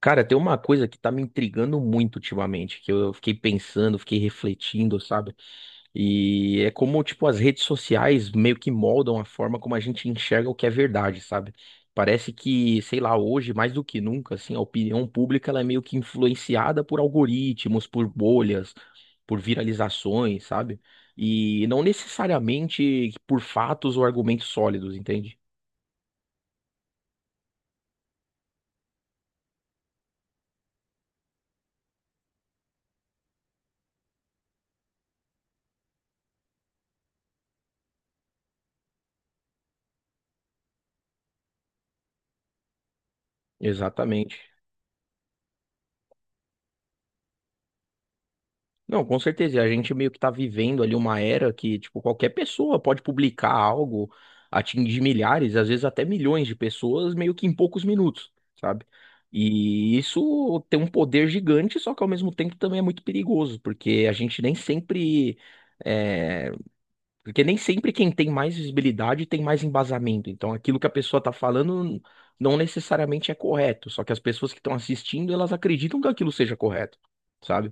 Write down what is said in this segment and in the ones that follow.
Cara, tem uma coisa que tá me intrigando muito ultimamente, que eu fiquei pensando, fiquei refletindo, sabe? E é como, tipo, as redes sociais meio que moldam a forma como a gente enxerga o que é verdade, sabe? Parece que, sei lá, hoje, mais do que nunca, assim, a opinião pública ela é meio que influenciada por algoritmos, por bolhas, por viralizações, sabe? E não necessariamente por fatos ou argumentos sólidos, entende? Exatamente. Não, com certeza. E a gente meio que tá vivendo ali uma era que, tipo, qualquer pessoa pode publicar algo, atingir milhares, às vezes até milhões de pessoas, meio que em poucos minutos, sabe? E isso tem um poder gigante, só que ao mesmo tempo também é muito perigoso, porque a gente nem sempre. é, Porque nem sempre quem tem mais visibilidade tem mais embasamento. Então, aquilo que a pessoa tá falando não necessariamente é correto, só que as pessoas que estão assistindo, elas acreditam que aquilo seja correto, sabe?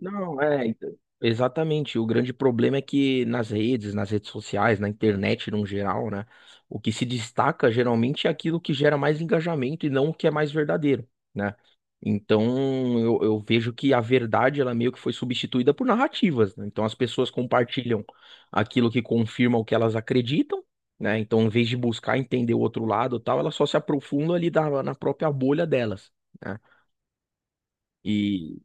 Não, é, então, exatamente. O grande problema é que nas redes sociais, na internet no geral, né? O que se destaca geralmente é aquilo que gera mais engajamento e não o que é mais verdadeiro, né? Então, eu vejo que a verdade, ela meio que foi substituída por narrativas, né? Então, as pessoas compartilham aquilo que confirma o que elas acreditam, né? Então, em vez de buscar entender o outro lado, e tal, elas só se aprofundam ali na própria bolha delas, né? E,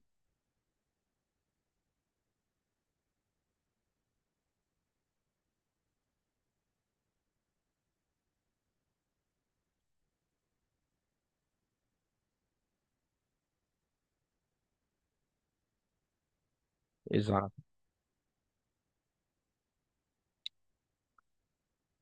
exato.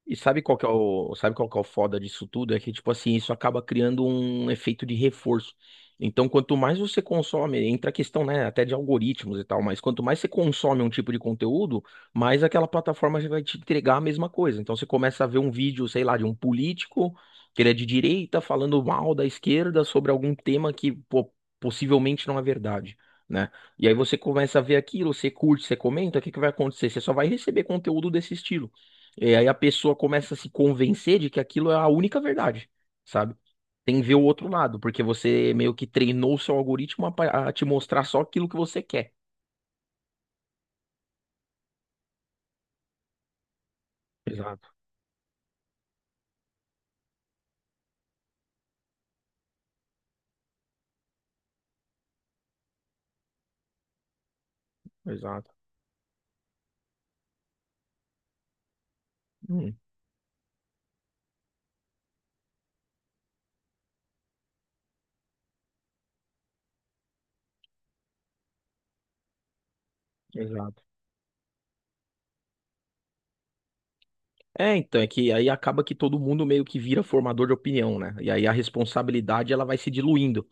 E sabe qual que é o, sabe qual que é o foda disso tudo? É que, tipo assim, isso acaba criando um efeito de reforço. Então, quanto mais você consome, entra a questão, né, até de algoritmos e tal, mas quanto mais você consome um tipo de conteúdo, mais aquela plataforma já vai te entregar a mesma coisa. Então, você começa a ver um vídeo, sei lá, de um político que ele é de direita falando mal da esquerda sobre algum tema que, pô, possivelmente não é verdade, né? E aí você começa a ver aquilo, você curte, você comenta, o que que vai acontecer? Você só vai receber conteúdo desse estilo. E aí a pessoa começa a se convencer de que aquilo é a única verdade, sabe? Tem que ver o outro lado, porque você meio que treinou o seu algoritmo a, a te mostrar só aquilo que você quer. Exato, exato. Hum, exato. É, então, é que aí acaba que todo mundo meio que vira formador de opinião, né? E aí a responsabilidade ela vai se diluindo.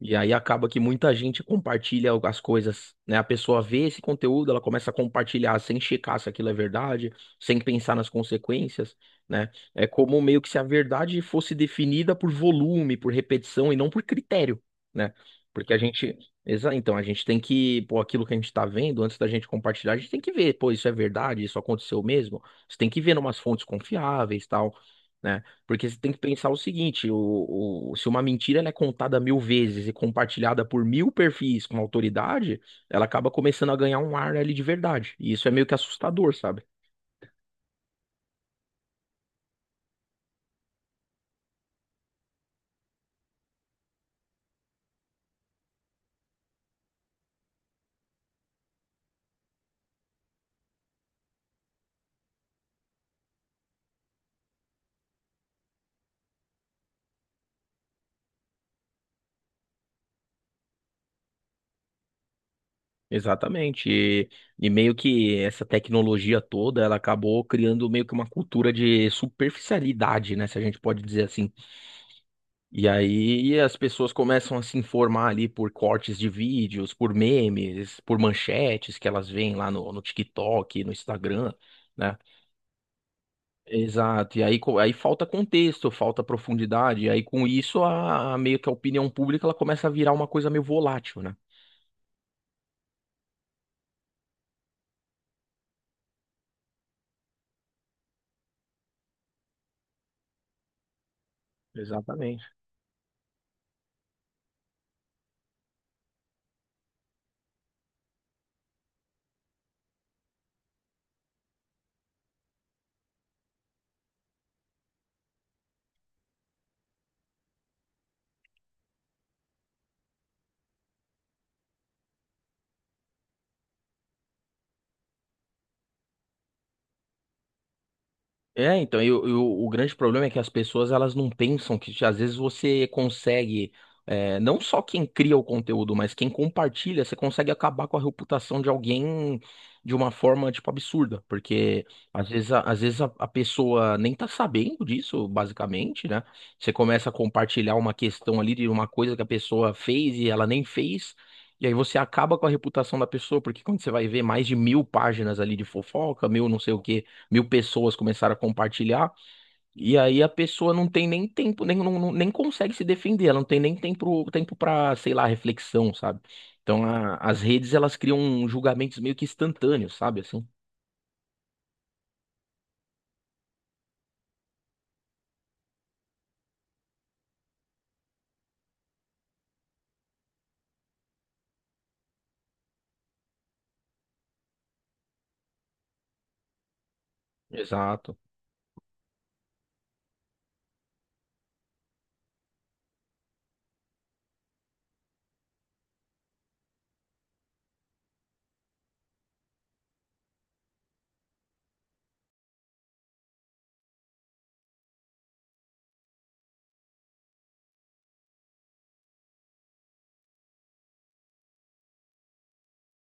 E aí acaba que muita gente compartilha as coisas, né? A pessoa vê esse conteúdo, ela começa a compartilhar sem checar se aquilo é verdade, sem pensar nas consequências, né? É como meio que se a verdade fosse definida por volume, por repetição e não por critério, né? Porque a gente, então a gente tem que, pô, aquilo que a gente tá vendo, antes da gente compartilhar, a gente tem que ver, pô, isso é verdade, isso aconteceu mesmo. Você tem que ver em umas fontes confiáveis, tal, né? Porque você tem que pensar o seguinte: se uma mentira ela é contada mil vezes e compartilhada por mil perfis com autoridade, ela acaba começando a ganhar um ar ali de verdade. E isso é meio que assustador, sabe? Exatamente. E meio que essa tecnologia toda, ela acabou criando meio que uma cultura de superficialidade, né? Se a gente pode dizer assim. E aí as pessoas começam a se informar ali por cortes de vídeos, por memes, por manchetes que elas veem lá no TikTok, no Instagram, né? Exato, e aí, aí falta contexto, falta profundidade, e aí com isso a meio que a opinião pública ela começa a virar uma coisa meio volátil, né? Exatamente. É, então, o grande problema é que as pessoas elas não pensam que às vezes você consegue, é, não só quem cria o conteúdo, mas quem compartilha, você consegue acabar com a reputação de alguém de uma forma, tipo, absurda, porque às vezes, às vezes a pessoa nem tá sabendo disso, basicamente, né? Você começa a compartilhar uma questão ali de uma coisa que a pessoa fez e ela nem fez, e aí você acaba com a reputação da pessoa, porque quando você vai ver mais de mil páginas ali de fofoca, mil não sei o quê mil pessoas começaram a compartilhar, e aí a pessoa não tem nem tempo, nem, nem consegue se defender, ela não tem nem tempo, tempo para, sei lá, reflexão, sabe? Então as redes elas criam julgamentos meio que instantâneos, sabe assim? Exato.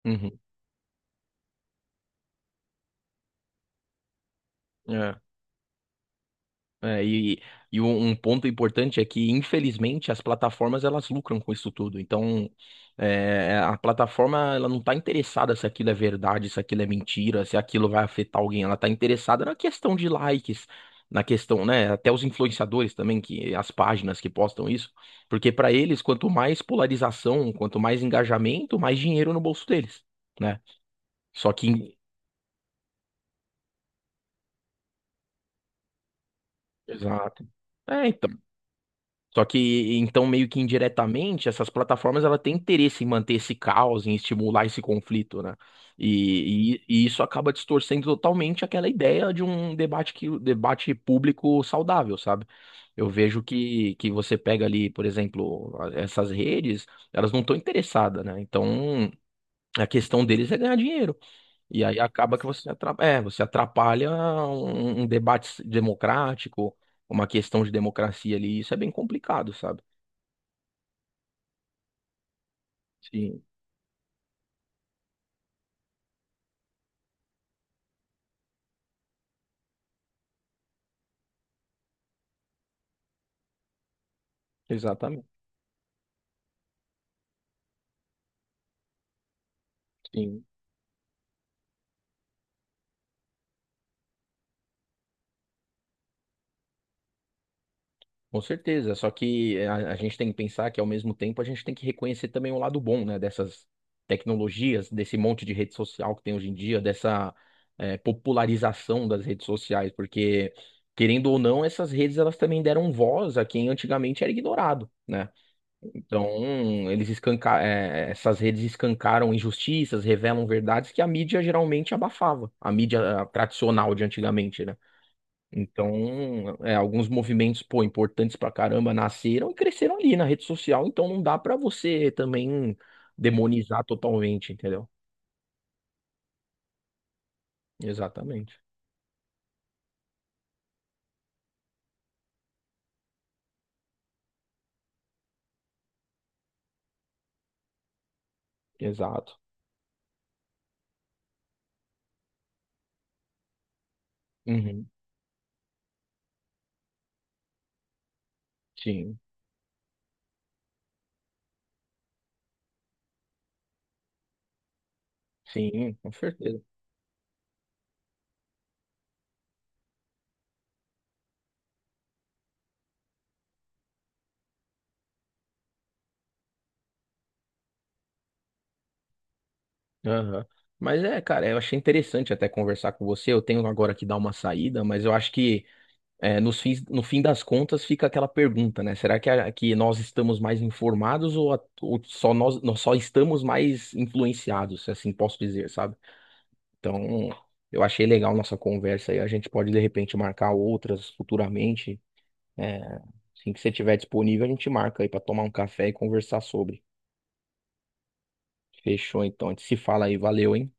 Uhum. É. É, e um um ponto importante é que, infelizmente, as plataformas elas lucram com isso tudo. Então, é, a plataforma ela não está interessada se aquilo é verdade, se aquilo é mentira, se aquilo vai afetar alguém. Ela está interessada na questão de likes, na questão, né? Até os influenciadores também, que as páginas que postam isso, porque para eles, quanto mais polarização, quanto mais engajamento, mais dinheiro no bolso deles, né? Só que, exato. É, então. Só que, então, meio que indiretamente, essas plataformas ela tem interesse em manter esse caos, em estimular esse conflito, né? E isso acaba distorcendo totalmente aquela ideia de um debate que, debate público saudável, sabe? Eu vejo que você pega ali, por exemplo, essas redes, elas não estão interessadas, né? Então, a questão deles é ganhar dinheiro. E aí acaba que você atrapalha, é, você atrapalha um debate democrático, uma questão de democracia ali, isso é bem complicado, sabe? Sim, exatamente. Sim, com certeza. Só que a gente tem que pensar que, ao mesmo tempo, a gente tem que reconhecer também o lado bom, né, dessas tecnologias, desse monte de rede social que tem hoje em dia, dessa popularização das redes sociais, porque, querendo ou não, essas redes elas também deram voz a quem antigamente era ignorado, né? Então, eles escanca eh, eh, essas redes escancaram injustiças, revelam verdades que a mídia geralmente abafava, a mídia tradicional de antigamente, né? Então, é, alguns movimentos, pô, importantes pra caramba nasceram e cresceram ali na rede social, então não dá pra você também demonizar totalmente, entendeu? Exatamente. Exato. Uhum. Sim, sim, com certeza. Aham. Mas é, cara, eu achei interessante até conversar com você. Eu tenho agora que dar uma saída, mas eu acho que é, nos fins, no fim das contas fica aquela pergunta, né? Será que, que nós estamos mais informados ou, ou só nós, nós só estamos mais influenciados, se assim posso dizer, sabe? Então, eu achei legal nossa conversa aí. A gente pode, de repente, marcar outras futuramente. É, assim que você estiver disponível, a gente marca aí para tomar um café e conversar sobre. Fechou, então. A gente se fala aí. Valeu, hein?